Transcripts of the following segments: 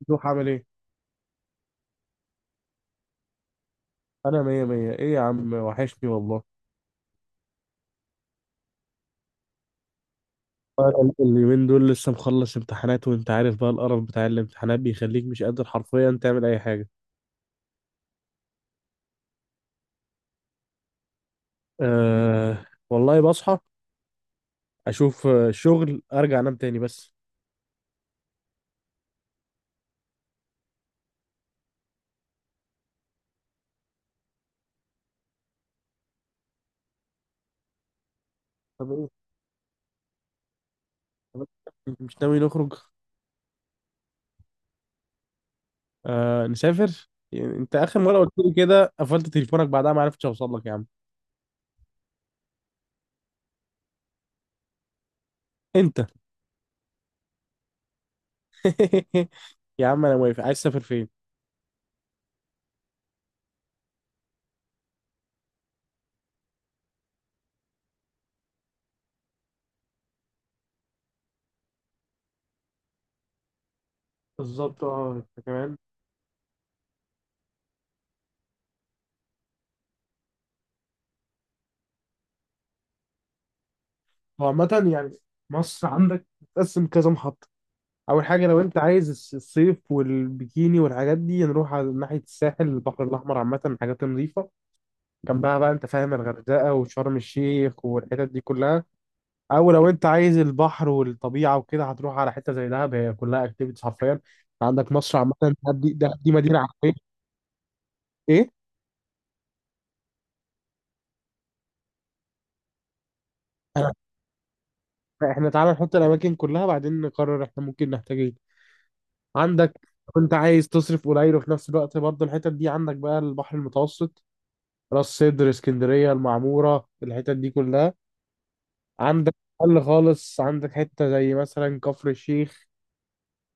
ممدوح عامل ايه؟ انا مية مية. ايه يا عم، وحشني والله. أنا اليومين دول لسه مخلص امتحانات، وانت عارف بقى القرف بتاع الامتحانات بيخليك مش قادر حرفيا تعمل اي حاجة. أه والله بصحى، اشوف شغل، ارجع انام تاني بس. طب ايه طب إيه؟ مش ناوي نخرج؟ أه نسافر، يعني انت اخر مرة قلت لي كده قفلت تليفونك، بعدها ما عرفتش اوصل لك يا عم. انت يا عم انا موافق، عايز تسافر فين؟ بالظبط. اه انت كمان. هو عامة يعني، مصر عندك، تقسم كذا محطة. اول حاجه لو انت عايز الصيف والبيكيني والحاجات دي، نروح على ناحيه الساحل، البحر الاحمر عامه، حاجات نظيفه جنبها بقى، انت فاهم، الغردقه وشرم الشيخ والحتت دي كلها. او لو انت عايز البحر والطبيعه وكده، هتروح على حته زي دهب، هي كلها اكتيفيتيز حرفيا. عندك مصر عامه، دهب دي مدينه عربيه. ايه احنا تعالى نحط الاماكن كلها، بعدين نقرر احنا ممكن نحتاج ايه. عندك لو انت عايز تصرف قليل وفي نفس الوقت برضه الحتت دي، عندك بقى البحر المتوسط، راس سدر، اسكندريه، المعموره، الحتت دي كلها. عندك قل خالص، عندك حته زي مثلا كفر الشيخ،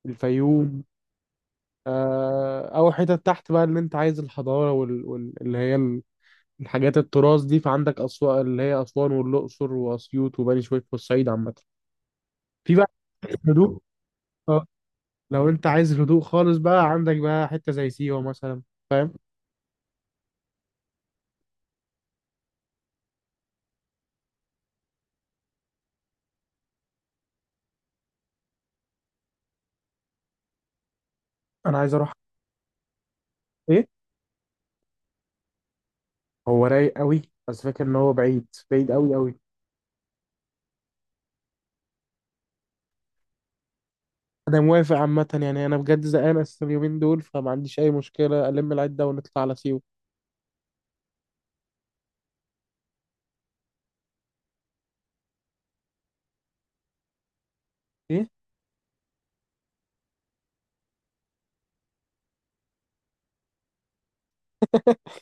الفيوم. او حتت تحت بقى، اللي انت عايز الحضاره وال... وال... اللي هي ال- الحاجات التراث دي، فعندك اسوان، اللي هي اسوان والاقصر واسيوط وبني سويف والصعيد عامه. في بقى هدوء. آه، لو انت عايز هدوء خالص بقى، عندك بقى حته زي سيوه مثلا، فاهم؟ انا عايز اروح. ايه، هو رايق قوي. بس فاكر ان هو بعيد بعيد قوي قوي. انا موافق عامه يعني، انا بجد زهقان اساسا اليومين دول، فما عنديش اي مشكله، الم العده ونطلع على سيوه. ايه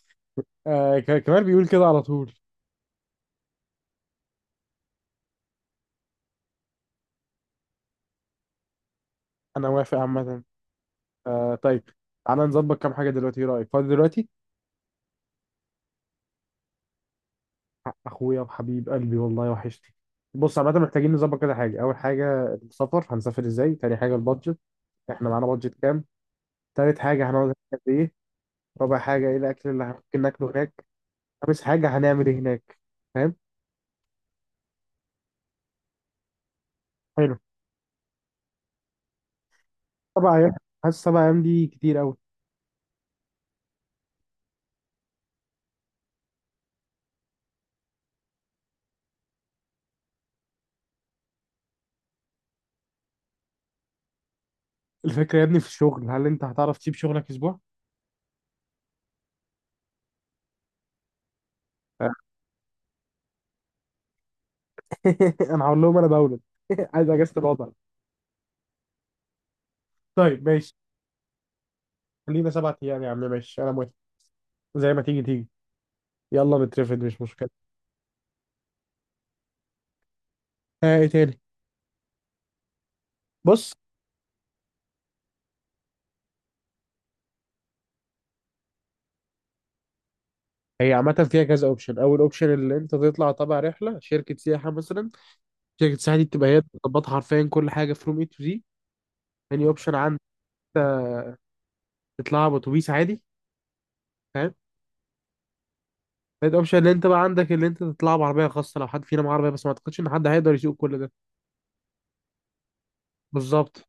آه، كمال بيقول كده على طول. انا موافق عامه. طيب، تعالى نظبط كام حاجه دلوقتي. ايه رايك فاضي دلوقتي؟ اخويا وحبيب قلبي والله وحشتي. بص عامه، محتاجين نظبط كده حاجه. اول حاجه السفر، هنسافر ازاي؟ تاني حاجه البادجت، احنا معانا بادجت كام؟ تالت حاجه، هنقعد هناك قد ايه؟ رابع حاجه، ايه الاكل اللي ممكن ناكله هناك؟ خامس حاجه، هنعمل ايه هناك؟ فاهم؟ حلو. 7 ايام؟ حاسس 7 ايام دي كتير قوي. الفكرة يا ابني في الشغل، هل انت هتعرف تسيب شغلك اسبوع؟ آه. انا هقول لهم انا بولد عايز اجازة الوضع. طيب ماشي. خلينا 7 ايام يا عم، ماشي، انا موافق. زي ما تيجي تيجي، يلا نترفد مش مشكلة. ها، ايه تاني؟ بص، هي عامة فيها كذا اوبشن. اول اوبشن اللي انت تطلع تبع رحلة شركة سياحة مثلا، شركة سياحة دي بتبقى هي بتظبطها حرفيا كل حاجة، فروم اي تو زي. تاني اوبشن عندك انت تطلعها باتوبيس عادي، فاهم؟ تالت اوبشن اللي انت بقى عندك، اللي انت تطلعها بعربية خاصة، لو حد فينا معاه عربية، بس ما اعتقدش ان حد هيقدر يسوق كل ده. بالظبط.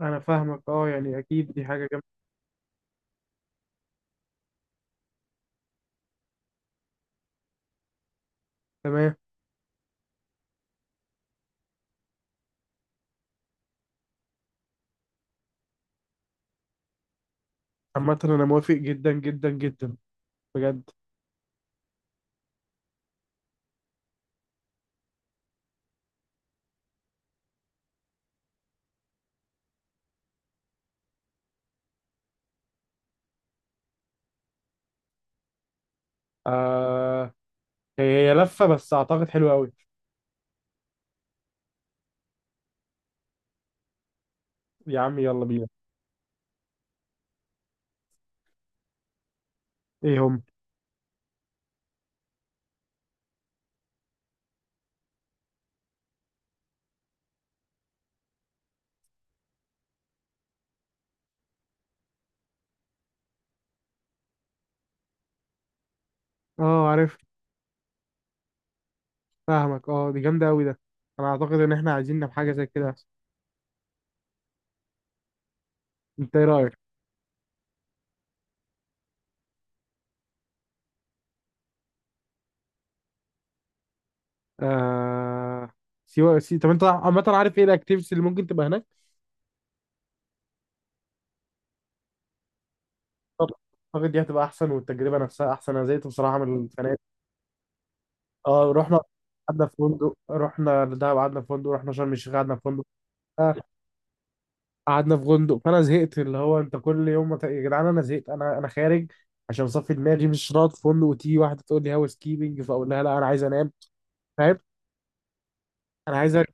انا فاهمك اه، يعني اكيد دي حاجه جامده. تمام. عامه انا موافق جدا جدا جدا، بجد. آه، هي لفه بس اعتقد حلوه قوي. يا عم يلا بينا. ايه هم؟ اه عارف. فاهمك اه، دي جامده قوي ده. انا اعتقد ان احنا عايزين نعمل حاجه زي كده، انت ايه رايك؟ آه، سيوة، طب انت عامه عارف ايه الاكتيفيتيز اللي ممكن تبقى هناك؟ طب اعتقد دي هتبقى احسن، والتجربه نفسها احسن. انا زهقت بصراحه من السنه دي. اه رحنا قعدنا في فندق، رحنا دهب قعدنا في فندق، رحنا شرم الشيخ قعدنا في فندق. آه، قعدنا في فندق، فانا زهقت. اللي هو انت كل يوم يا جدعان انا زهقت، انا خارج عشان اصفي دماغي. مش راضي في فندق، وتيجي واحده تقول لي هاوس كيبنج، فاقول لها لا انا عايز انام، فاهم؟ انا عايز أرجع.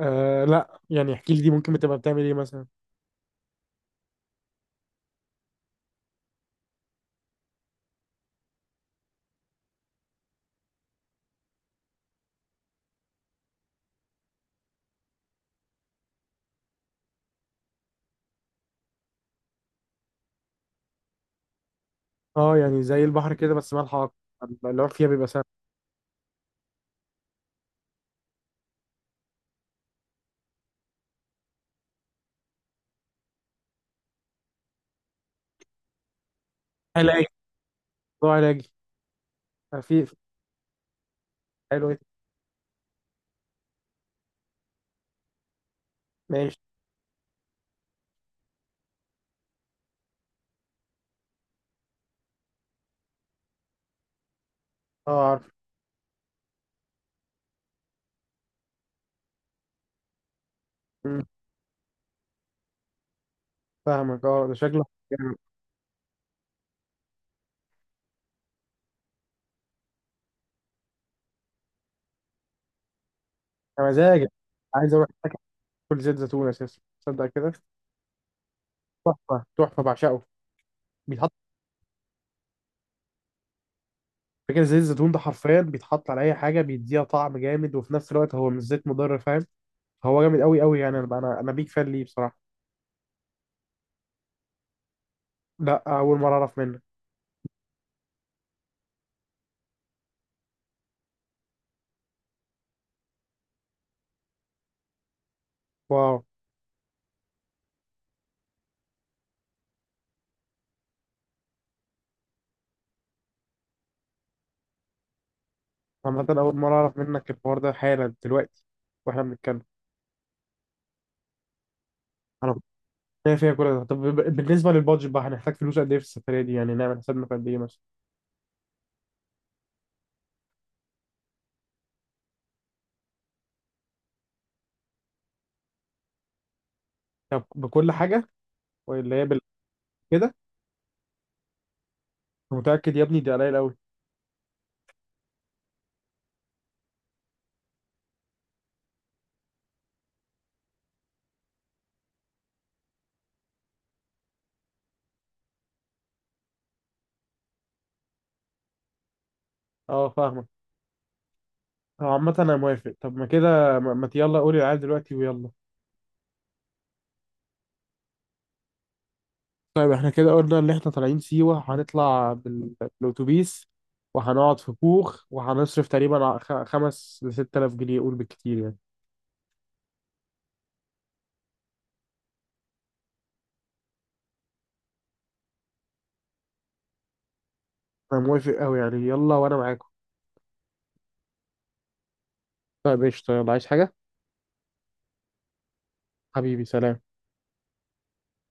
آه، لا، يعني احكي لي دي ممكن بتبقى بتعمل ايه مثلا؟ اه يعني زي البحر كده بس مالها اكتر؟ اللي هو فيها بيبقى سهل. علاجي، موضوع علاجي. آه، في في- حلو. إيه؟ ماشي. اه عارف. مم، فاهمك اه، ده شكله يعني. يا مزاجك. عايز اروح اكل زيت زيتون اساسا تصدق كده. تحفه تحفه، بعشقه. بيتحط فاكر زيت الزيتون ده حرفيا بيتحط على اي حاجه، بيديها طعم جامد، وفي نفس الوقت هو مش زيت مضر، فاهم؟ هو جامد قوي قوي يعني، انا أنا بيك فان ليه بصراحه. لا، اول مره اعرف منك. واو. عامه اول مره اعرف منك الحوار ده حالا دلوقتي واحنا بنتكلم. انا كنت شايف فيها كل ده. طب بالنسبه للبادجت بقى، هنحتاج فلوس قد ايه في السفريه دي؟ يعني نعمل حسابنا في قد ايه مثلا؟ طب بكل حاجه ولا هي كده؟ متاكد يا ابني ده قليل قوي؟ اه فاهمك. طب عامه انا موافق. طب ما كده، ما يلا قولي العيال دلوقتي ويلا. طيب احنا كده قلنا ان احنا طالعين سيوة، هنطلع بالاتوبيس، وهنقعد في كوخ، وهنصرف تقريبا 5 لـ 6 آلاف جنيه قول بالكتير يعني. انا موافق قوي يعني، يلا وانا معاكم. طيب قشطة، يلا. عايز حاجة؟ حبيبي، سلام.